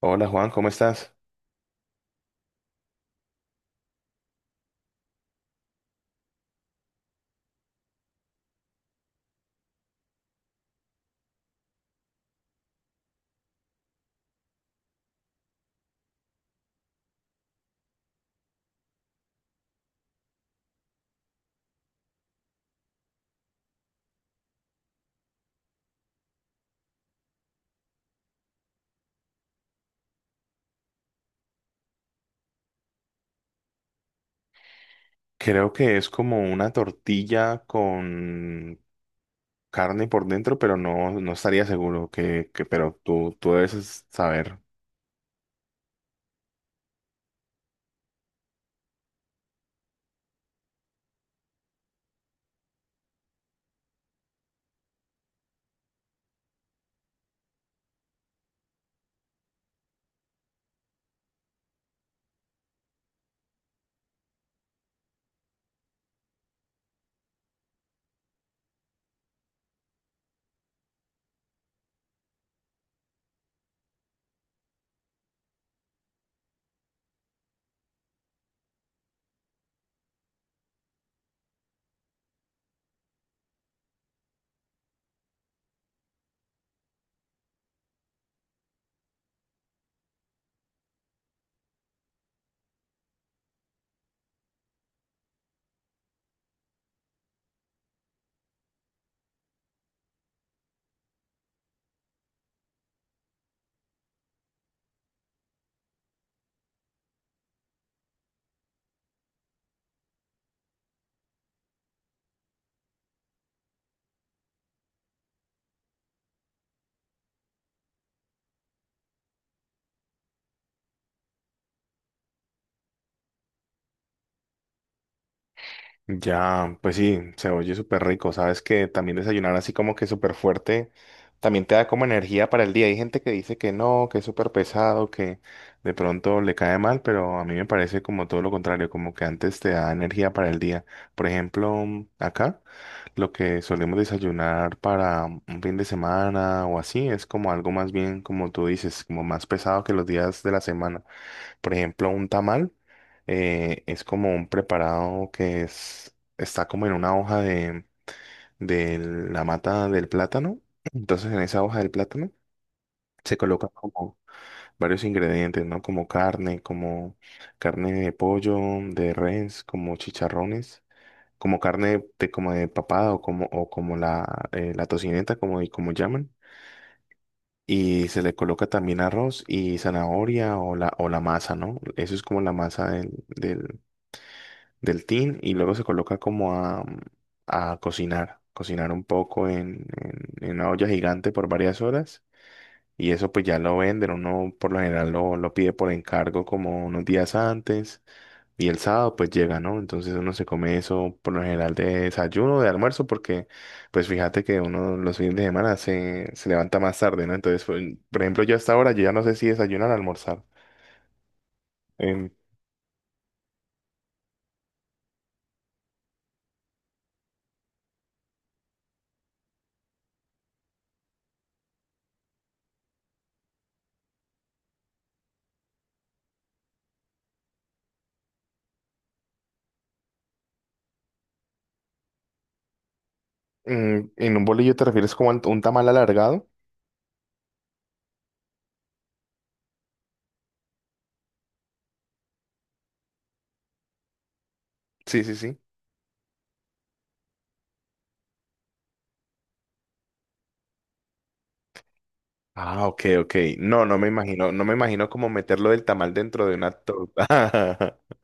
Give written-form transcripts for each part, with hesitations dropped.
Hola Juan, ¿cómo estás? Creo que es como una tortilla con carne por dentro, pero no, no estaría seguro pero tú debes saber. Ya, pues sí, se oye súper rico. Sabes que también desayunar así como que súper fuerte también te da como energía para el día. Hay gente que dice que no, que es súper pesado, que de pronto le cae mal, pero a mí me parece como todo lo contrario, como que antes te da energía para el día. Por ejemplo, acá lo que solemos desayunar para un fin de semana o así es como algo más bien, como tú dices, como más pesado que los días de la semana. Por ejemplo, un tamal es como un preparado está como en una hoja de la mata del plátano. Entonces, en esa hoja del plátano se colocan como varios ingredientes, ¿no? Como carne de pollo, de res, como chicharrones, como carne de, como de papada o como la, la tocineta, como, y como llaman. Y se le coloca también arroz y zanahoria o la, masa, ¿no? Eso es como la masa del tin y luego se coloca como a cocinar un poco en una olla gigante por varias horas y eso pues ya lo venden, uno por lo general lo pide por encargo como unos días antes y el sábado pues llega, ¿no? Entonces uno se come eso por lo general de desayuno, de almuerzo, porque pues fíjate que uno los fines de semana se levanta más tarde, ¿no? Entonces, por ejemplo, yo hasta ahora yo ya no sé si desayunar o almorzar. En, en un bolillo te refieres como a un tamal alargado. Sí, sí, sí. Ah, ok, ok. No, no me imagino cómo meterlo del tamal dentro de una torta.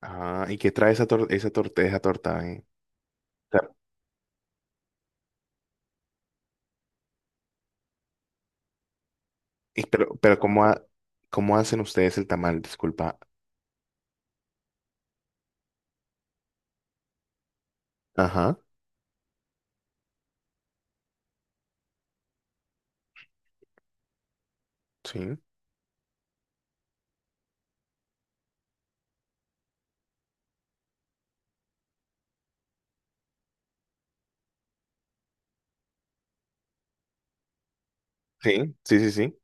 Ah, ¿y qué trae esa torta? O sea, y pero ¿cómo hacen ustedes el tamal? Disculpa. Ajá, sí, sí, sí, sí, sí.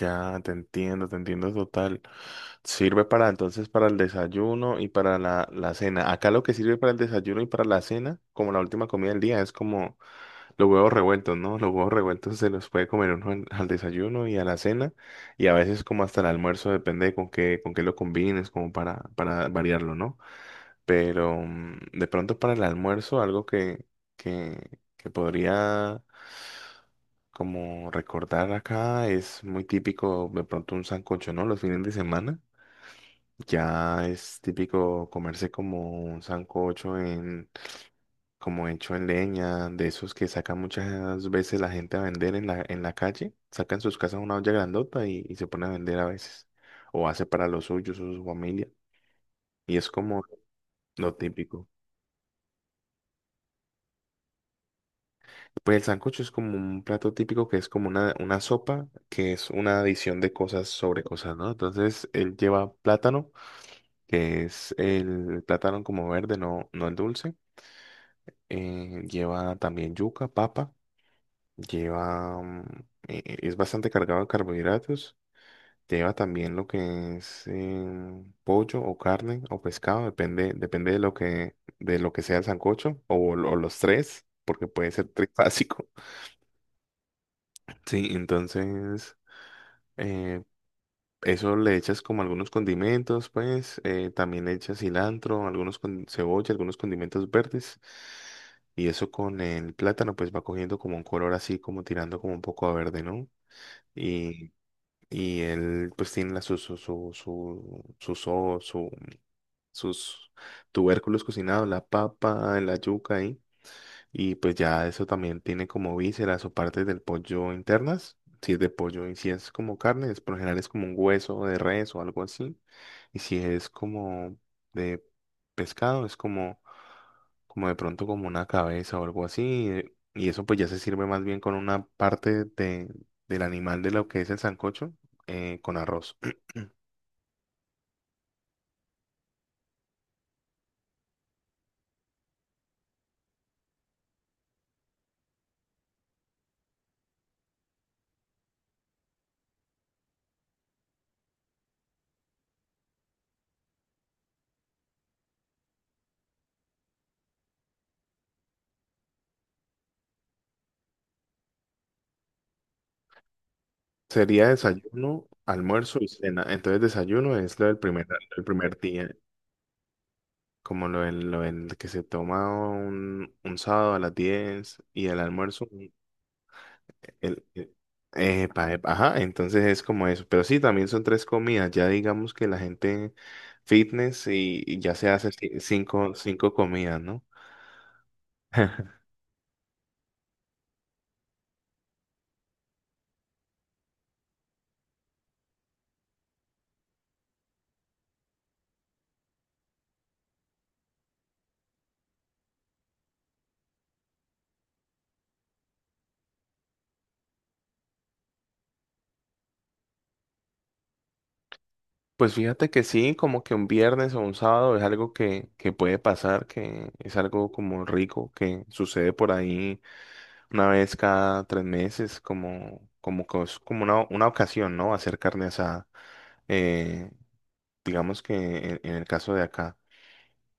Ya, te entiendo total. Sirve para entonces para el desayuno y para la cena. Acá lo que sirve para el desayuno y para la cena, como la última comida del día, es como los huevos revueltos, ¿no? Los huevos revueltos se los puede comer uno al desayuno y a la cena y a veces como hasta el almuerzo, depende de con qué lo combines, como para variarlo, ¿no? Pero de pronto para el almuerzo, algo que podría como recordar acá es muy típico de pronto un sancocho, ¿no? Los fines de semana. Ya es típico comerse como un sancocho en como hecho en leña, de esos que sacan muchas veces la gente a vender en la calle, sacan sus casas una olla grandota y se pone a vender a veces, o hace para los suyos o su familia, y es como lo típico. Pues el sancocho es como un plato típico que es como una sopa, que es una adición de cosas sobre cosas, ¿no? Entonces él lleva plátano, que es el plátano como verde, no, no el dulce, lleva también yuca, papa. Lleva, es bastante cargado de carbohidratos. Lleva también lo que es pollo o carne o pescado, depende de lo que sea el sancocho o los tres, porque puede ser trifásico. Sí, entonces eh, eso le echas como algunos condimentos, pues también le echas cilantro, algunos con cebolla, algunos condimentos verdes. Y eso con el plátano, pues va cogiendo como un color así, como tirando como un poco a verde, ¿no? y Y él pues tiene la, su, so- su- sus tubérculos cocinados, la papa, la yuca ahí. Y pues ya eso también tiene como vísceras o partes del pollo internas. Si es de pollo y si es como carne, es por lo general es como un hueso de res o algo así. Y si es como de pescado, es como de pronto como una cabeza o algo así. Y eso pues ya se sirve más bien con una parte del animal de lo que es el sancocho, con arroz. Sería desayuno, almuerzo y cena. Entonces desayuno es lo del el primer día, como lo del que se toma un sábado a las 10 y el almuerzo. El, el- epa, epa, ajá, entonces es como eso. Pero sí, también son 3 comidas. Ya digamos que la gente fitness y ya se hace cinco comidas, ¿no? Pues fíjate que sí, como que un viernes o un sábado es algo que puede pasar, que es algo como rico que sucede por ahí una vez cada 3 meses, que es como una ocasión, ¿no? Hacer carne asada. Eh, digamos que en el caso de acá.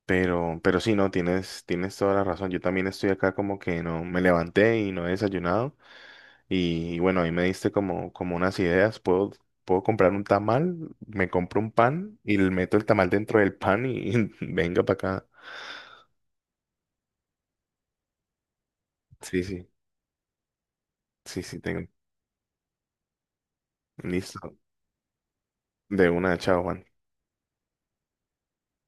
Pero sí, no, tienes toda la razón. Yo también estoy acá como que no me levanté y no he desayunado. Y, bueno, ahí me diste como unas ideas. Puedo comprar un tamal, me compro un pan y le meto el tamal dentro del pan y, venga para acá. Sí, sí, sí, sí, tengo. Listo. De una, chao, Juan.